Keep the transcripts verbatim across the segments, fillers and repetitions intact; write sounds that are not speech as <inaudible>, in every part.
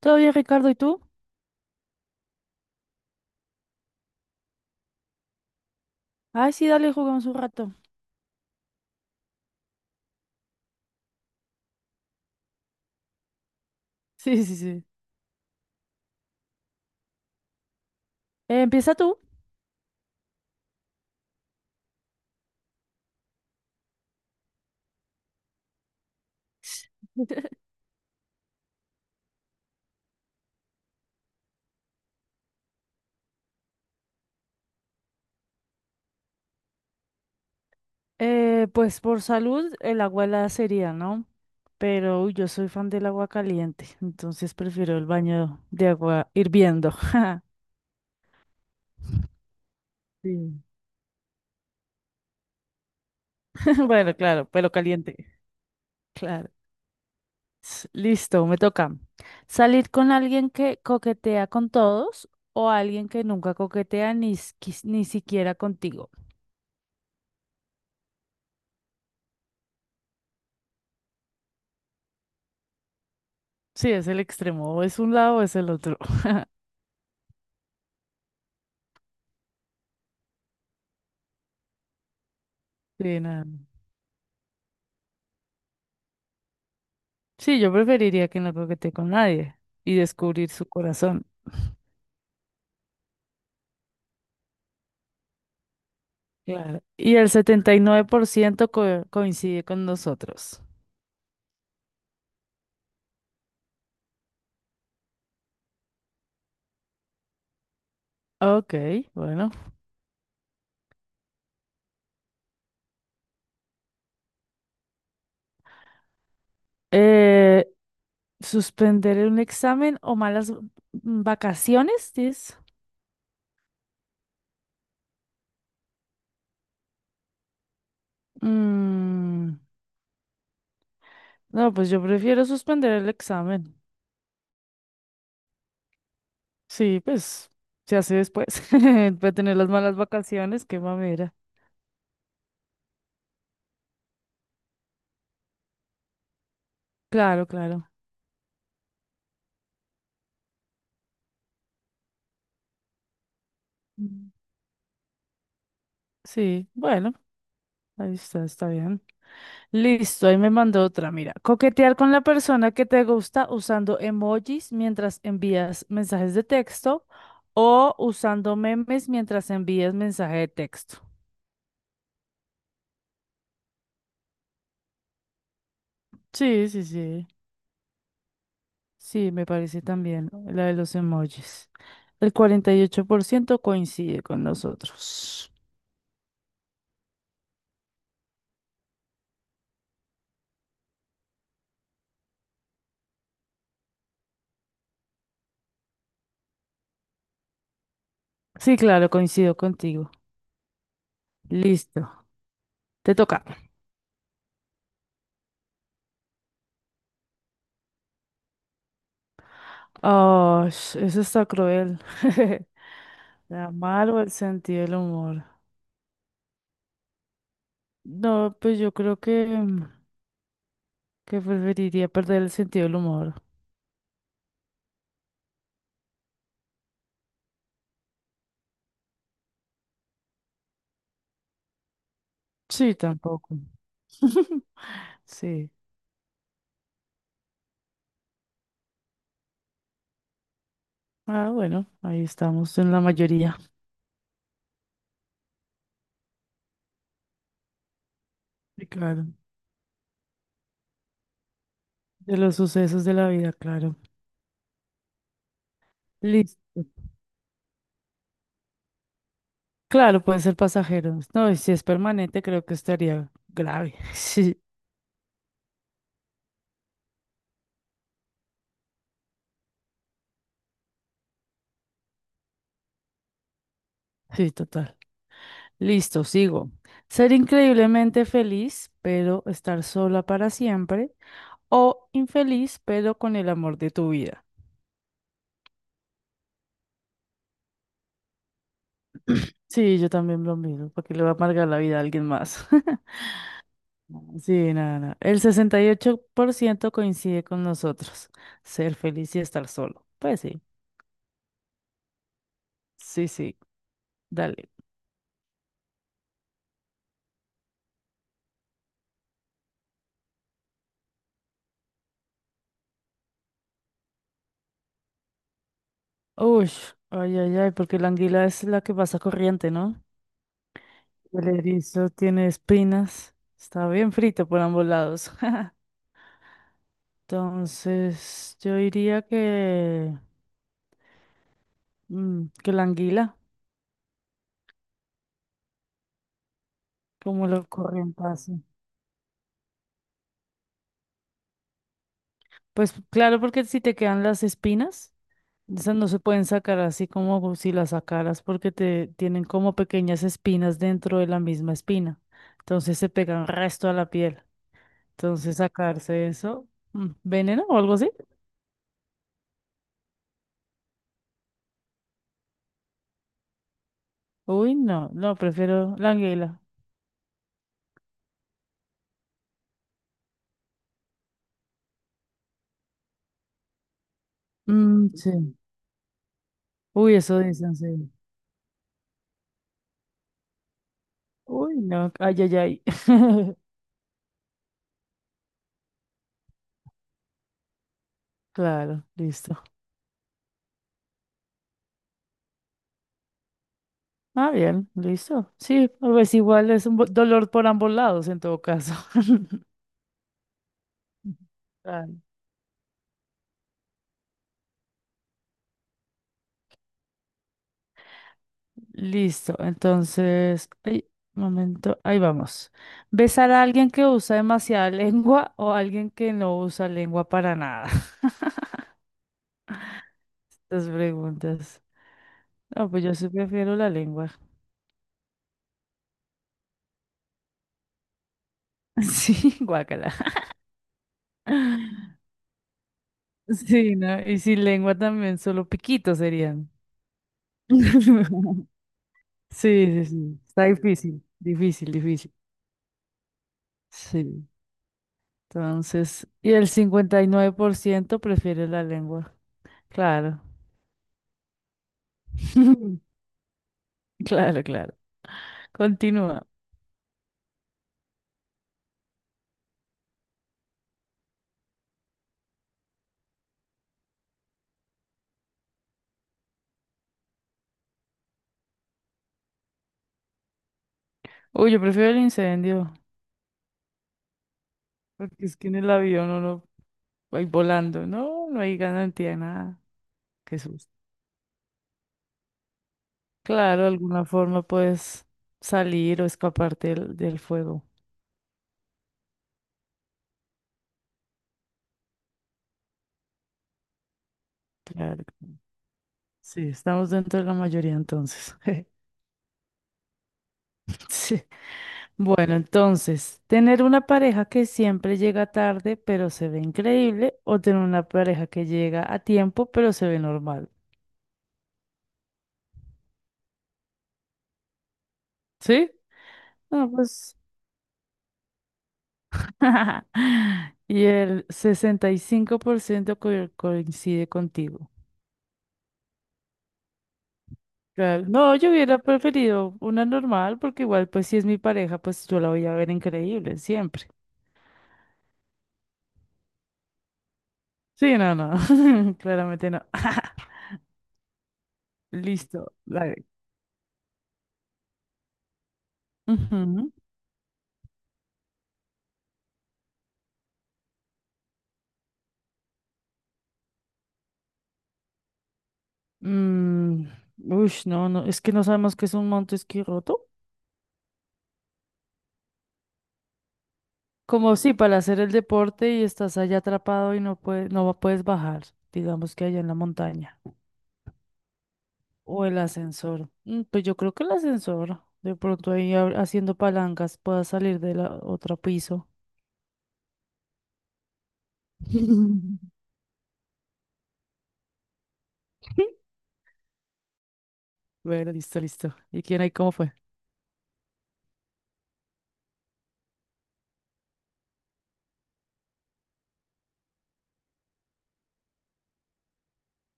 ¿Todo bien, Ricardo? ¿Y tú? Ay, sí, dale, jugamos un rato. Sí, sí, sí. Eh, empieza tú. <laughs> Eh, pues por salud, el agua helada sería, ¿no? Pero uy, yo soy fan del agua caliente, entonces prefiero el baño de agua hirviendo. <laughs> Sí. <laughs> Bueno, claro, pero caliente. Claro. S- Listo, me toca. ¿Salir con alguien que coquetea con todos o alguien que nunca coquetea ni, s- quis- ni siquiera contigo? Sí, es el extremo, o es un lado o es el otro. Sí, nada. Sí, yo preferiría que no coquetee con nadie y descubrir su corazón. Claro. Y el setenta y nueve por ciento co- coincide con nosotros. Ok, bueno. Eh, ¿suspender un examen o malas v- vacaciones? Dices? Mm, no, pues yo prefiero suspender el examen. Sí, pues se hace después. <laughs> Voy a tener las malas vacaciones, qué mamera. Claro, claro. Mm. Sí, bueno, ahí está, está bien. Listo, ahí me mandó otra. Mira, coquetear con la persona que te gusta usando emojis mientras envías mensajes de texto o usando memes mientras envías mensaje de texto. Sí, sí, sí. Sí, me parece también la de los emojis. El cuarenta y ocho por ciento coincide con nosotros. Sí, claro, coincido contigo. Listo, te toca. Oh, eso está cruel. <laughs> La mal o el sentido del humor. No, pues yo creo que, mm, que preferiría perder el sentido del humor. Sí, tampoco. <laughs> Sí. Ah, bueno, ahí estamos en la mayoría. Sí, claro. De los sucesos de la vida, claro. Listo. Claro, puede ser pasajero. No, y si es permanente, creo que estaría grave. <laughs> Sí, sí, total. Listo, sigo. Ser increíblemente feliz, pero estar sola para siempre. O infeliz, pero con el amor de tu vida. Sí, yo también lo mismo, porque le va a amargar la vida a alguien más. <laughs> Sí, nada, nada. El sesenta y ocho por ciento coincide con nosotros. Ser feliz y estar solo. Pues sí, sí, sí, dale. Uy, ay, ay, ay, porque la anguila es la que pasa corriente, ¿no? El erizo tiene espinas. Está bien frito por ambos lados. <laughs> Entonces, yo diría que, mm, que la anguila, como lo corriente hace. Pues claro, porque si te quedan las espinas. Esas no se pueden sacar así como si las sacaras porque te tienen como pequeñas espinas dentro de la misma espina. Entonces se pegan resto a la piel. Entonces sacarse eso, mm, veneno o algo así. Uy, no, no, prefiero la anguila. Mm, sí. Uy, eso dicen, sí. Uy, no, ay, ay, ay. <laughs> Claro, listo. Ah, bien, listo. Sí, pues igual es un bo- dolor por ambos lados en todo caso. <laughs> Claro. Listo, entonces, ay, un momento, ahí vamos. Besar a alguien que usa demasiada lengua o a alguien que no usa lengua para nada. <laughs> Estas preguntas. No, pues yo sí prefiero la lengua. <laughs> Sí, guácala. <laughs> Sí, ¿no? Y sin lengua también, solo piquitos serían. <laughs> Sí, sí, sí. Está difícil, difícil, difícil. Sí. Entonces, y el cincuenta y nueve por ciento prefiere la lengua. Claro. <laughs> Claro, claro. Continúa. Uy, yo prefiero el incendio, porque es que en el avión uno va ahí volando. No, no hay garantía de nada. Qué susto. Claro, de alguna forma puedes salir o escaparte del, del fuego. Claro. Sí, estamos dentro de la mayoría entonces. <laughs> Sí. Bueno, entonces, tener una pareja que siempre llega tarde, pero se ve increíble, o tener una pareja que llega a tiempo, pero se ve normal. ¿Sí? No, pues. <laughs> Y el sesenta y cinco por ciento co- coincide contigo. Claro. No, yo hubiera preferido una normal porque igual, pues si es mi pareja, pues yo la voy a ver increíble siempre. Sí, no, no. <laughs> Claramente no. <laughs> Listo. Dale. Ujú. Mm, ush, no, no, es que no sabemos qué es un monte esquí roto. Como si para hacer el deporte y estás allá atrapado y no puedes, no puedes bajar, digamos que allá en la montaña. O el ascensor. Mm, pues yo creo que el ascensor. De pronto ahí ab- haciendo palancas pueda salir de la otro piso. <laughs> Bueno, listo, listo. ¿Y quién ahí cómo fue?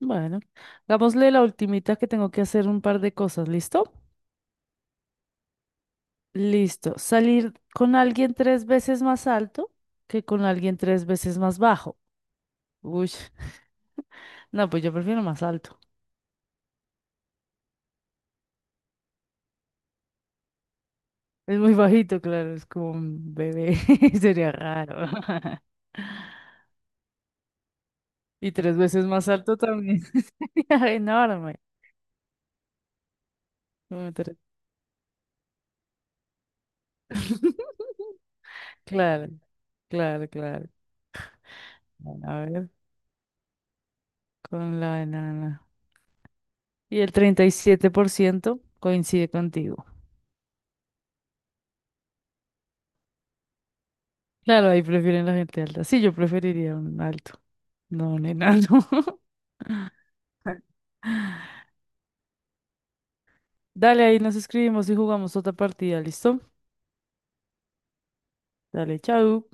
Bueno, hagámosle la ultimita que tengo que hacer un par de cosas. ¿Listo? Listo. Salir con alguien tres veces más alto que con alguien tres veces más bajo. Uy, <laughs> no, pues yo prefiero más alto. Es muy bajito, claro, es como un bebé. <laughs> Sería raro. <laughs> Y tres veces más alto también. <laughs> Enorme. Muy <laughs> Claro, claro, claro. Bueno, a ver, con la enana. Y el treinta y siete por ciento coincide contigo. Claro, ahí prefieren la gente alta. Sí, yo preferiría un alto, no un enano. <laughs> Dale, ahí nos escribimos y jugamos otra partida, ¿listo? Dale, chao.